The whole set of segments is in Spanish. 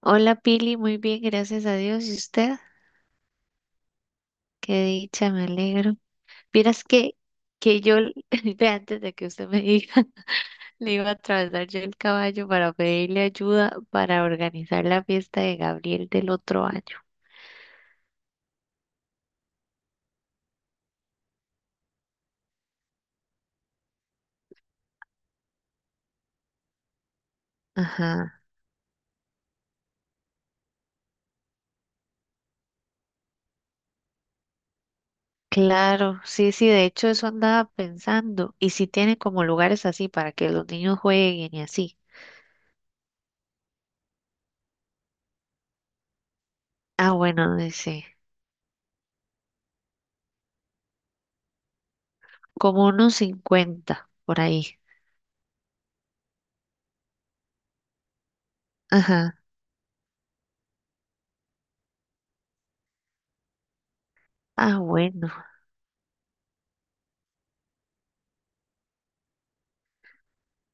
Hola Pili, muy bien, gracias a Dios. ¿Y usted? Qué dicha, me alegro. Vieras que yo, l- Ve, antes de que usted me diga, le iba a atravesar yo el caballo para pedirle ayuda para organizar la fiesta de Gabriel del otro año. Ajá. Claro, sí, sí, de hecho eso andaba pensando. ¿Y si tiene como lugares así para que los niños jueguen y así? Ah, bueno, dice, como unos 50 por ahí. Ajá. Ah, bueno,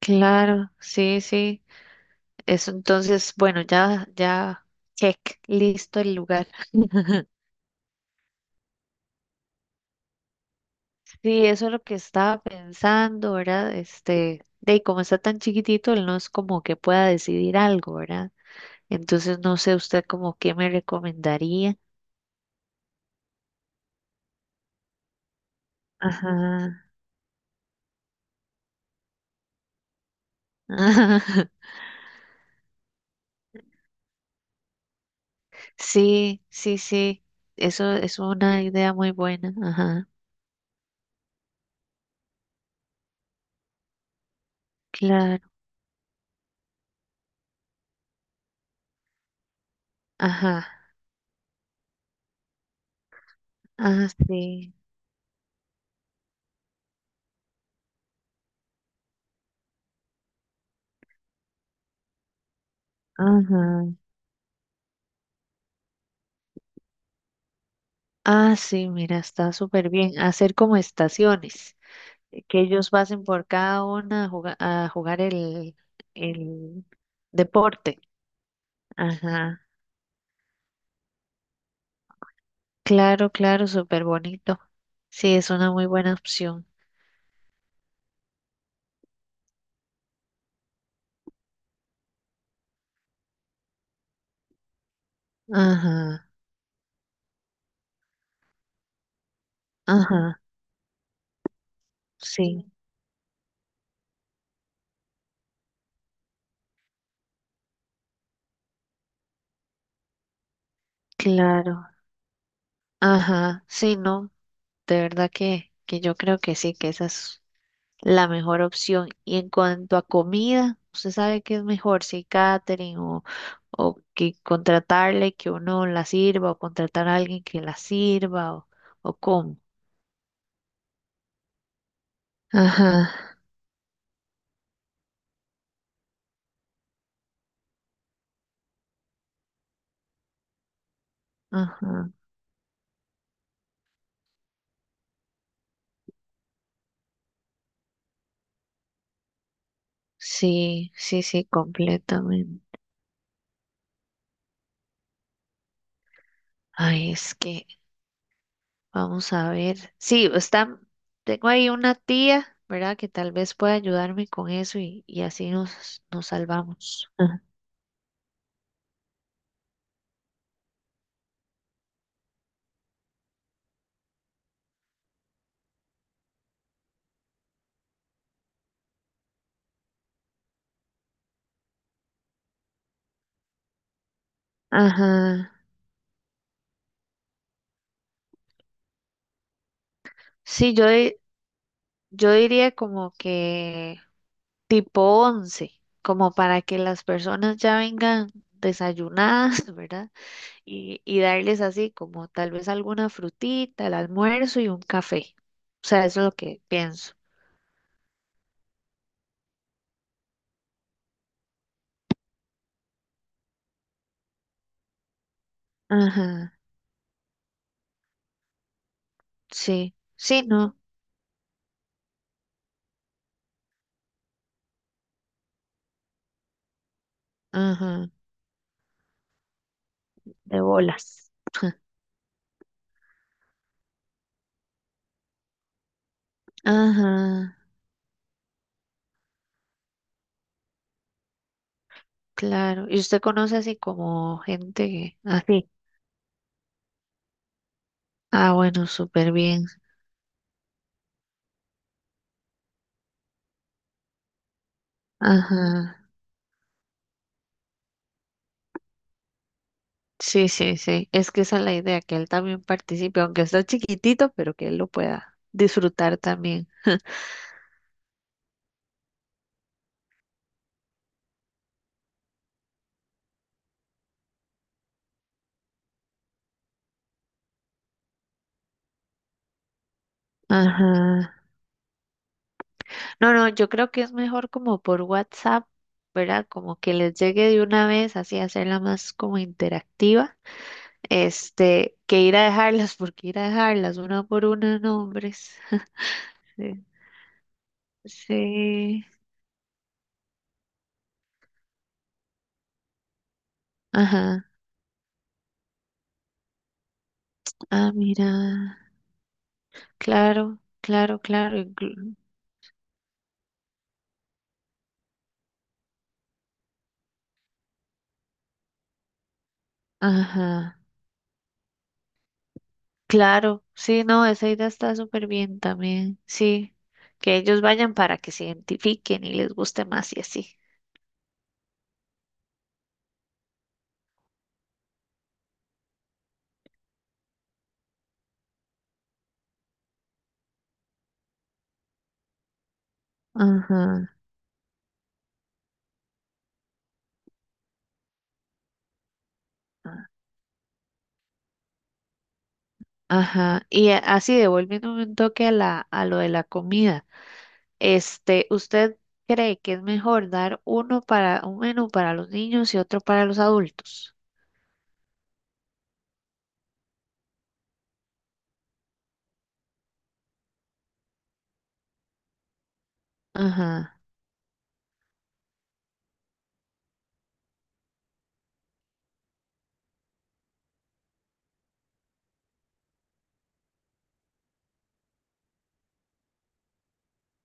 claro, sí, sí. Eso entonces, bueno, ya, check, listo el lugar. Sí, eso es lo que estaba pensando, ¿verdad? Este, de y como está tan chiquitito, él no es como que pueda decidir algo, ¿verdad? Entonces no sé usted como qué me recomendaría. Ajá. Sí, sí, sí. Eso es una idea muy buena. Ajá. Claro. Ajá. Ah, sí. Ajá. Ah, sí, mira, está súper bien. Hacer como estaciones. Que ellos pasen por cada una a jugar, el deporte. Ajá. Claro, claro, súper bonito. Sí, es una muy buena opción. Ajá, ajá, sí, claro. Ajá, sí, no, de verdad que, yo creo que sí, que esa es la mejor opción. Y en cuanto a comida, ¿usted sabe qué es mejor, si catering o que contratarle que uno la sirva o contratar a alguien que la sirva o cómo? Ajá, ajá. Sí, sí, sí, completamente. Ay, es que, vamos a ver. Sí, está, tengo ahí una tía, ¿verdad? Que tal vez pueda ayudarme con eso y así nos, nos salvamos. Ajá. Ajá. Sí, yo, di- yo diría como que tipo 11, como para que las personas ya vengan desayunadas, ¿verdad? Y, y darles así como tal vez alguna frutita, el almuerzo y un café. O sea, eso es lo que pienso. Ajá, sí, sí, no, ajá, de bolas. Ajá, claro. ¿Y usted conoce así como gente así? Ah, bueno, súper bien. Ajá. Sí, sí, sí. Es que esa es la idea, que él también participe, aunque está chiquitito, pero que él lo pueda disfrutar también. Ajá. No, no, yo creo que es mejor como por WhatsApp, ¿verdad? Como que les llegue de una vez, así hacerla más como interactiva, este, que ir a dejarlas, porque ir a dejarlas una por una, nombres. Sí, sí, ajá, ah, mira, claro, claro, claro, inclu- ajá, claro, sí, no, esa idea está súper bien también, sí, que ellos vayan para que se identifiquen y les guste más y así. Ajá. Ajá, y a- así devolviéndome un toque a la, a lo de la comida, este, ¿usted cree que es mejor dar uno para, un menú para los niños y otro para los adultos? Ajá,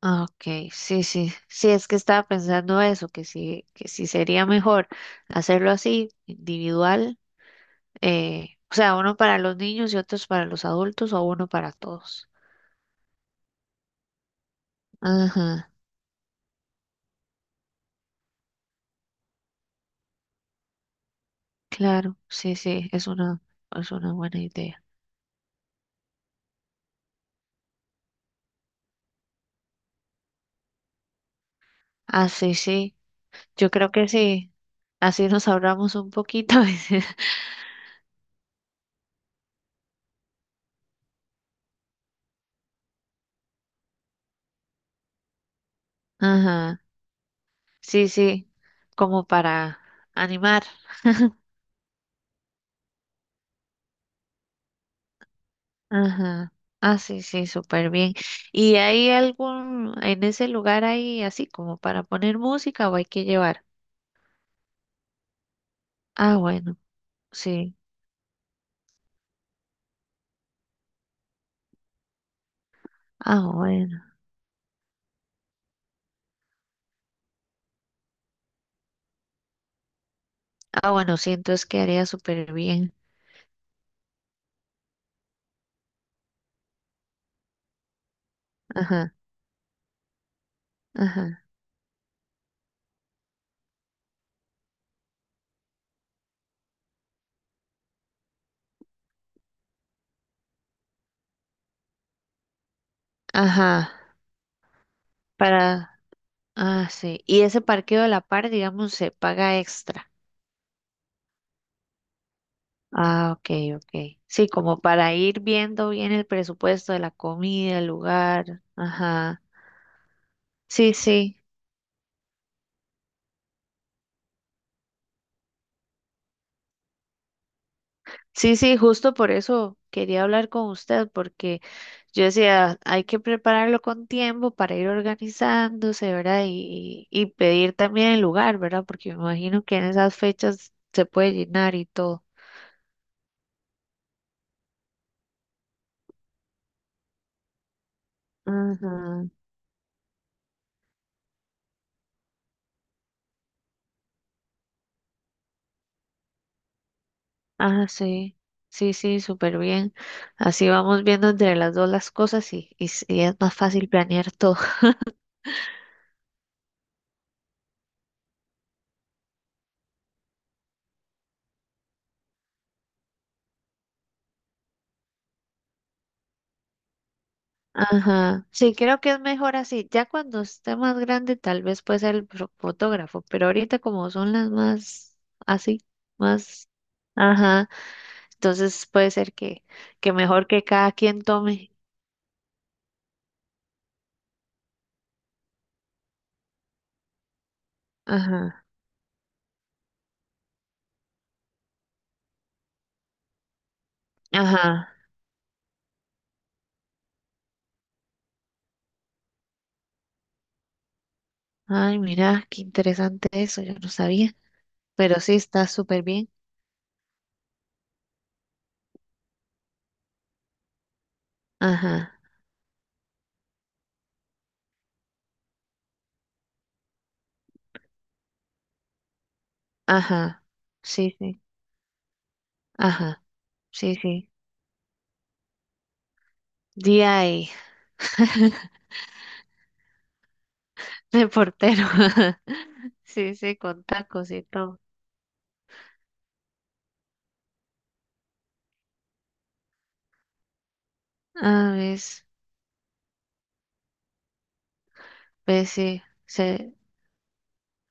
ah, ok, sí, sí, sí, es que estaba pensando eso, que sí sería mejor hacerlo así, individual, o sea, uno para los niños y otros para los adultos o uno para todos. Ajá, claro, sí, sí, es una buena idea. Ah, sí, sí. Yo creo que sí. Así nos ahorramos un poquito. Ajá. Sí, sí. Como para animar. Ajá. Ah, sí, sí, súper bien. ¿Y hay algún, en ese lugar hay así como para poner música o hay que llevar? Ah, bueno, sí. Ah, bueno. Ah, bueno, sí, entonces quedaría súper bien. Ajá, ajá, ajá. Para, ah, sí. Y ese parqueo de la par, digamos, ¿se paga extra? Ah, ok, ok. Sí, como para ir viendo bien el presupuesto de la comida, el lugar. Ajá. Sí, sí. Sí, sí, justo por eso quería hablar con usted, porque yo decía, hay que prepararlo con tiempo para ir organizándose, ¿verdad? Y pedir también el lugar, ¿verdad? Porque me imagino que en esas fechas se puede llenar y todo. Ajá. Ah, sí. Sí, sí, súper bien. Así vamos viendo entre las dos las cosas y y es más fácil planear todo. Ajá, sí, creo que es mejor así. Ya cuando esté más grande, tal vez puede ser el fo- fotógrafo, pero ahorita como son las más así, más, ajá, entonces puede ser que mejor que cada quien tome. Ajá, ajá. Ay, mira, qué interesante eso, yo no sabía, pero sí está súper bien. Ajá, ajá, sí, sí, ajá, sí, sí. DI, de portero. Sí, sí, con tacos y todo. Ah, ver. Pues sí, se...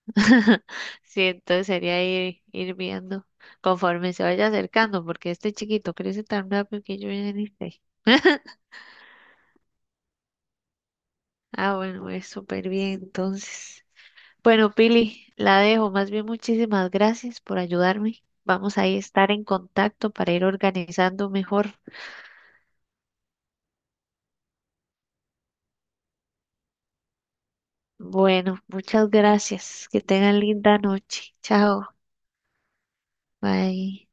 sí, entonces sería ir, ir viendo conforme se vaya acercando, porque este chiquito crece tan rápido que yo ya ni sé. Ah, bueno, es súper bien, entonces. Bueno, Pili, la dejo. Más bien, muchísimas gracias por ayudarme. Vamos ahí a estar en contacto para ir organizando mejor. Bueno, muchas gracias. Que tengan linda noche. Chao. Bye.